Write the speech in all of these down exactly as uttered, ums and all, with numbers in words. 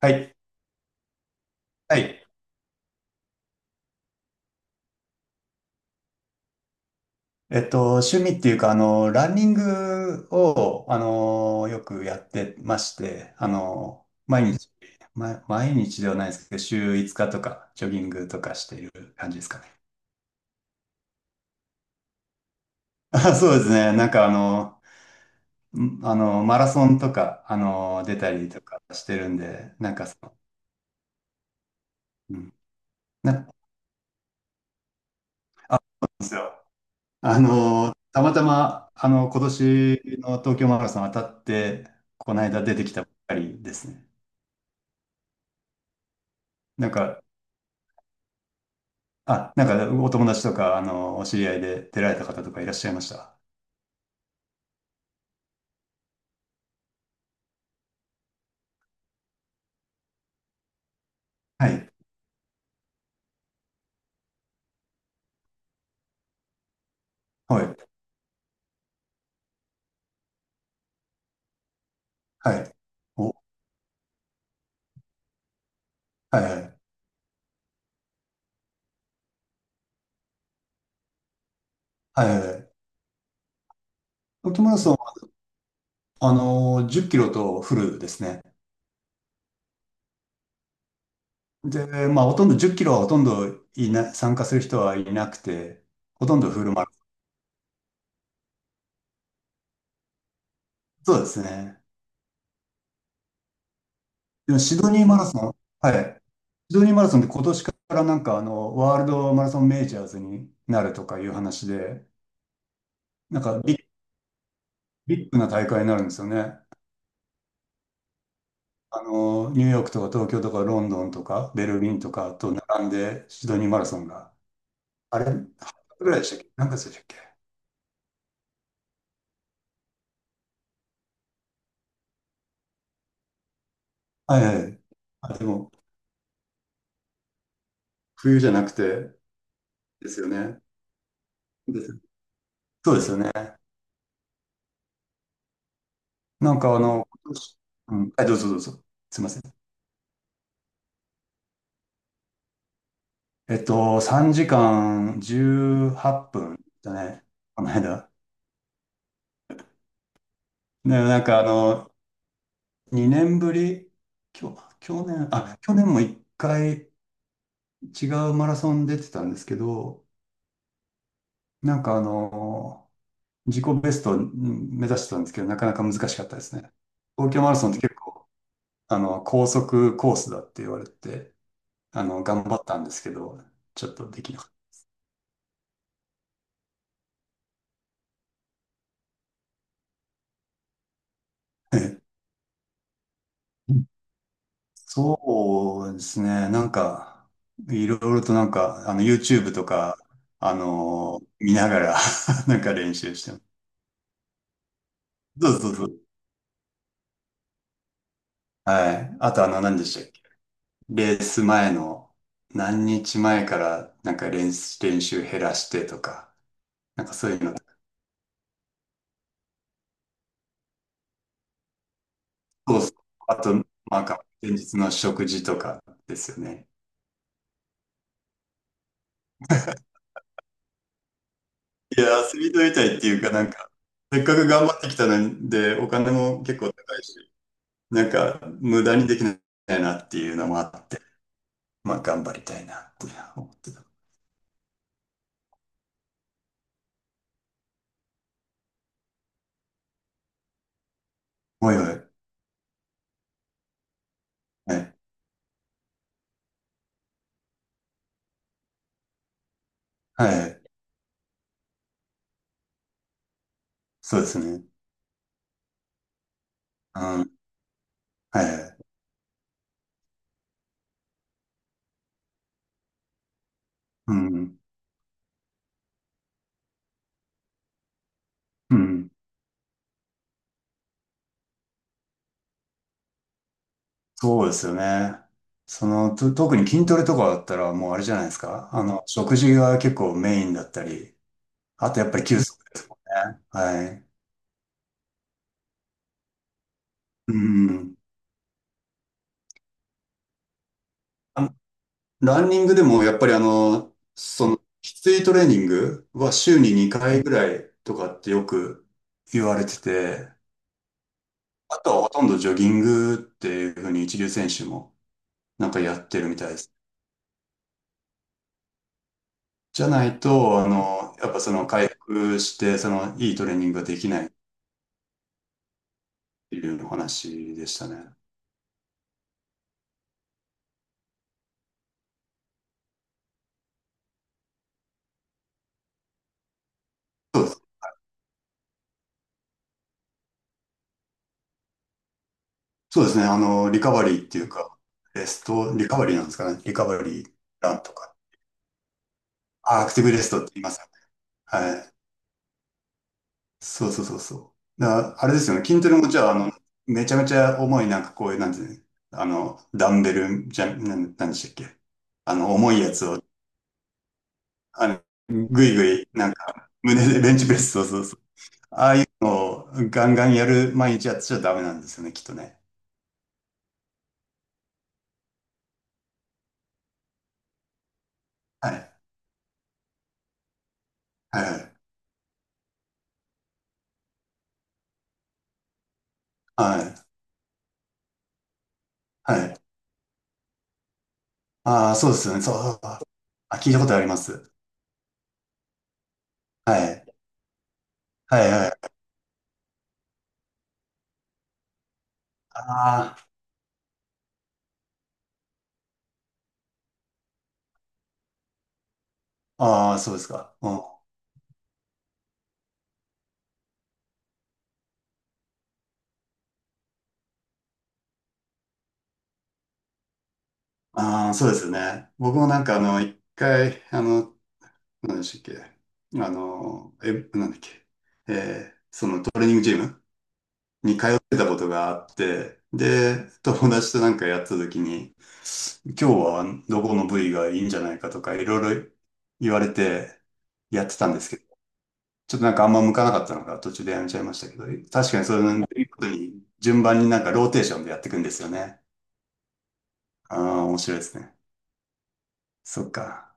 はい。はい。えっと、趣味っていうか、あの、ランニングを、あの、よくやってまして、あの、毎日、ま、毎日ではないですけど、週いつかとか、ジョギングとかしている感じですかね。あ、そうですね。なんか、あの、んあの、マラソンとか、あの、出たりとかしてるんで、なんかその、うん。な、あ、そうなんですよ。あの、たまたま、あの、今年の東京マラソン当たって、この間出てきたばっかりですね。なんか、あ、なんかお友達とか、あの、お知り合いで出られた方とかいらっしゃいました？はい。はい。はい。お、はいはい。はいはい。トマラソン、あの、じゅっキロとフルですね。で、まあ、ほとんど10キロはほとんどいな、参加する人はいなくて、ほとんどフルマラソン。そうですね。でも、シドニーマラソン、はい。シドニーマラソンって今年からなんか、あの、ワールドマラソンメジャーズになるとかいう話で、なんかビッ、ビッグな大会になるんですよね。あの、ニューヨークとか東京とかロンドンとかベルリンとかと並んでシドニーマラソンが、あれ、はちぐらいでしたっけ？何月でしたっけ？はいはい。あ、でも、冬じゃなくて、ですよね。ですそうですよね。なんかあの、今年うん、はい、どうぞどうぞ。すいません。えっと、さんじかんじゅうはっぷんだね。この間。で、なんかあの、にねんぶり、きょ去年、あ、去年もいっかい違うマラソン出てたんですけど、なんかあの、自己ベストをうん目指してたんですけど、なかなか難しかったですね。東京マラソンって結構、あの、高速コースだって言われて、あの、頑張ったんですけど、ちょっとできなかった。そうですね、なんか、いろいろとなんか、あの、YouTube とか、あの、見ながら なんか練習してます。そうそうそう。はい。あとあの、何でしたっけ？レース前の、何日前からなんか練習、練習減らしてとか、なんかそういうのとか、そうそう。あと、なんか、前日の食事とかですよね。いやー、遊びとりたいっていうか、なんか、せっかく頑張ってきたので、お金も結構高いし、なんか、無駄にできないなっていうのもあって、まあ、頑張りたいなって思ってた。おいおい。はい。はい。そうですね。うん。はい。うん。うん。そうですよね。その、と、特に筋トレとかだったら、もうあれじゃないですか。あの、食事が結構メインだったり、あとやっぱり休速ですもんね。はい。うん。あランニングでもやっぱりあの、その、きついトレーニングは週ににかいぐらいとかってよく言われてて、あとはほとんどジョギングっていうふうに一流選手もなんかやってるみたいです。じゃないと、あの、やっぱその回復して、そのいいトレーニングができないっていうお話でしたね。そうです。そうですね。あの、リカバリーっていうか、レスト、リカバリーなんですかね。リカバリーランとか。あ、アクティブレストって言いますよね。はい。そうそうそうそう。だからあれですよね。筋トレもじゃあ、あの、めちゃめちゃ重い、なんかこういう、なんていうの、あの、ダンベル、じゃ、なん、なんでしたっけ。あの、重いやつを、あの、ぐいぐい、なんか、胸でベンチプレス、そうそうそう。をガンガンやる毎日やっちゃダメなんですよね、きっとね。はい。はい。はい。はい。ああ、そうですよね。そう。あ、聞いたことあります。はい。はい、はい。ああ、ああ、そうですか。うんああ、そうですよね。僕もなんかあの、一回、あの、何でしたっけ、あの、え、なんだっけ、えーそのトレーニングジムに通ってたことがあって、で、友達となんかやった時に、今日はどこの部位がいいんじゃないかとか、いろいろ言われてやってたんですけど、ちょっとなんかあんま向かなかったのか途中でやめちゃいましたけど、確かにそういうことに順番になんかローテーションでやっていくんですよね。ああ、面白いですね。そっか。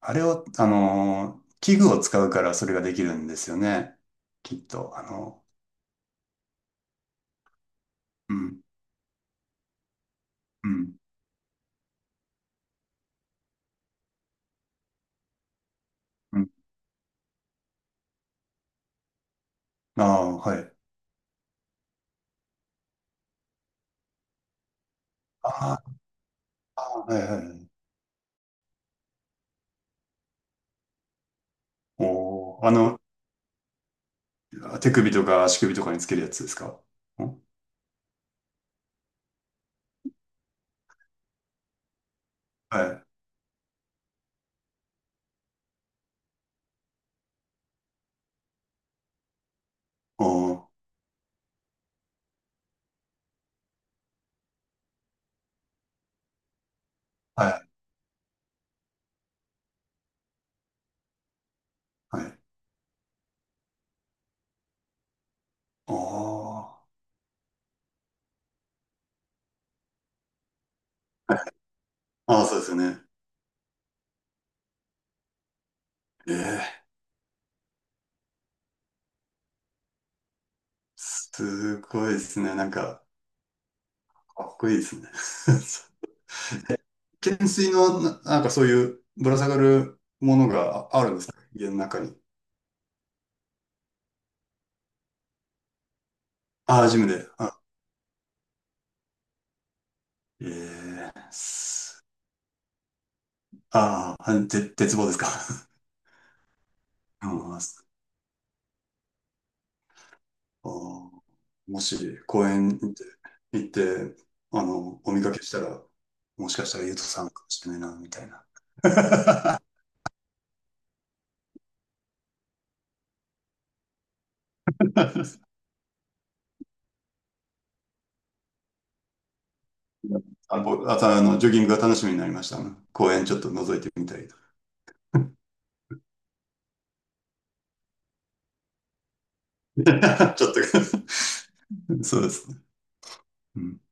あれを、あのー、器具を使うからそれができるんですよね。きっと、あの、うん、うん、うん。ああ、はい。ああ、はいはいはい。おー、あの、手首とか足首とかにつけるやつですかん？はい。おー、はい、はい。おー。ああ、そうですよね。ええ、すごいですね。なんか、かっこいいですね。懸垂の、な、なんかそういうぶら下がるものがああるんですか家の中に？ああ、ジムで。ええすああ、ぜ、絶望ですか？うんあーもし公園に行って、行ってあの、お見かけしたら、もしかしたらゆうとさんかもしれないな、みたいな。あ、ぼあとあの、ジョギングが楽しみになりました。公園ちょっと覗いてみたい。ちょっと そうですね。うん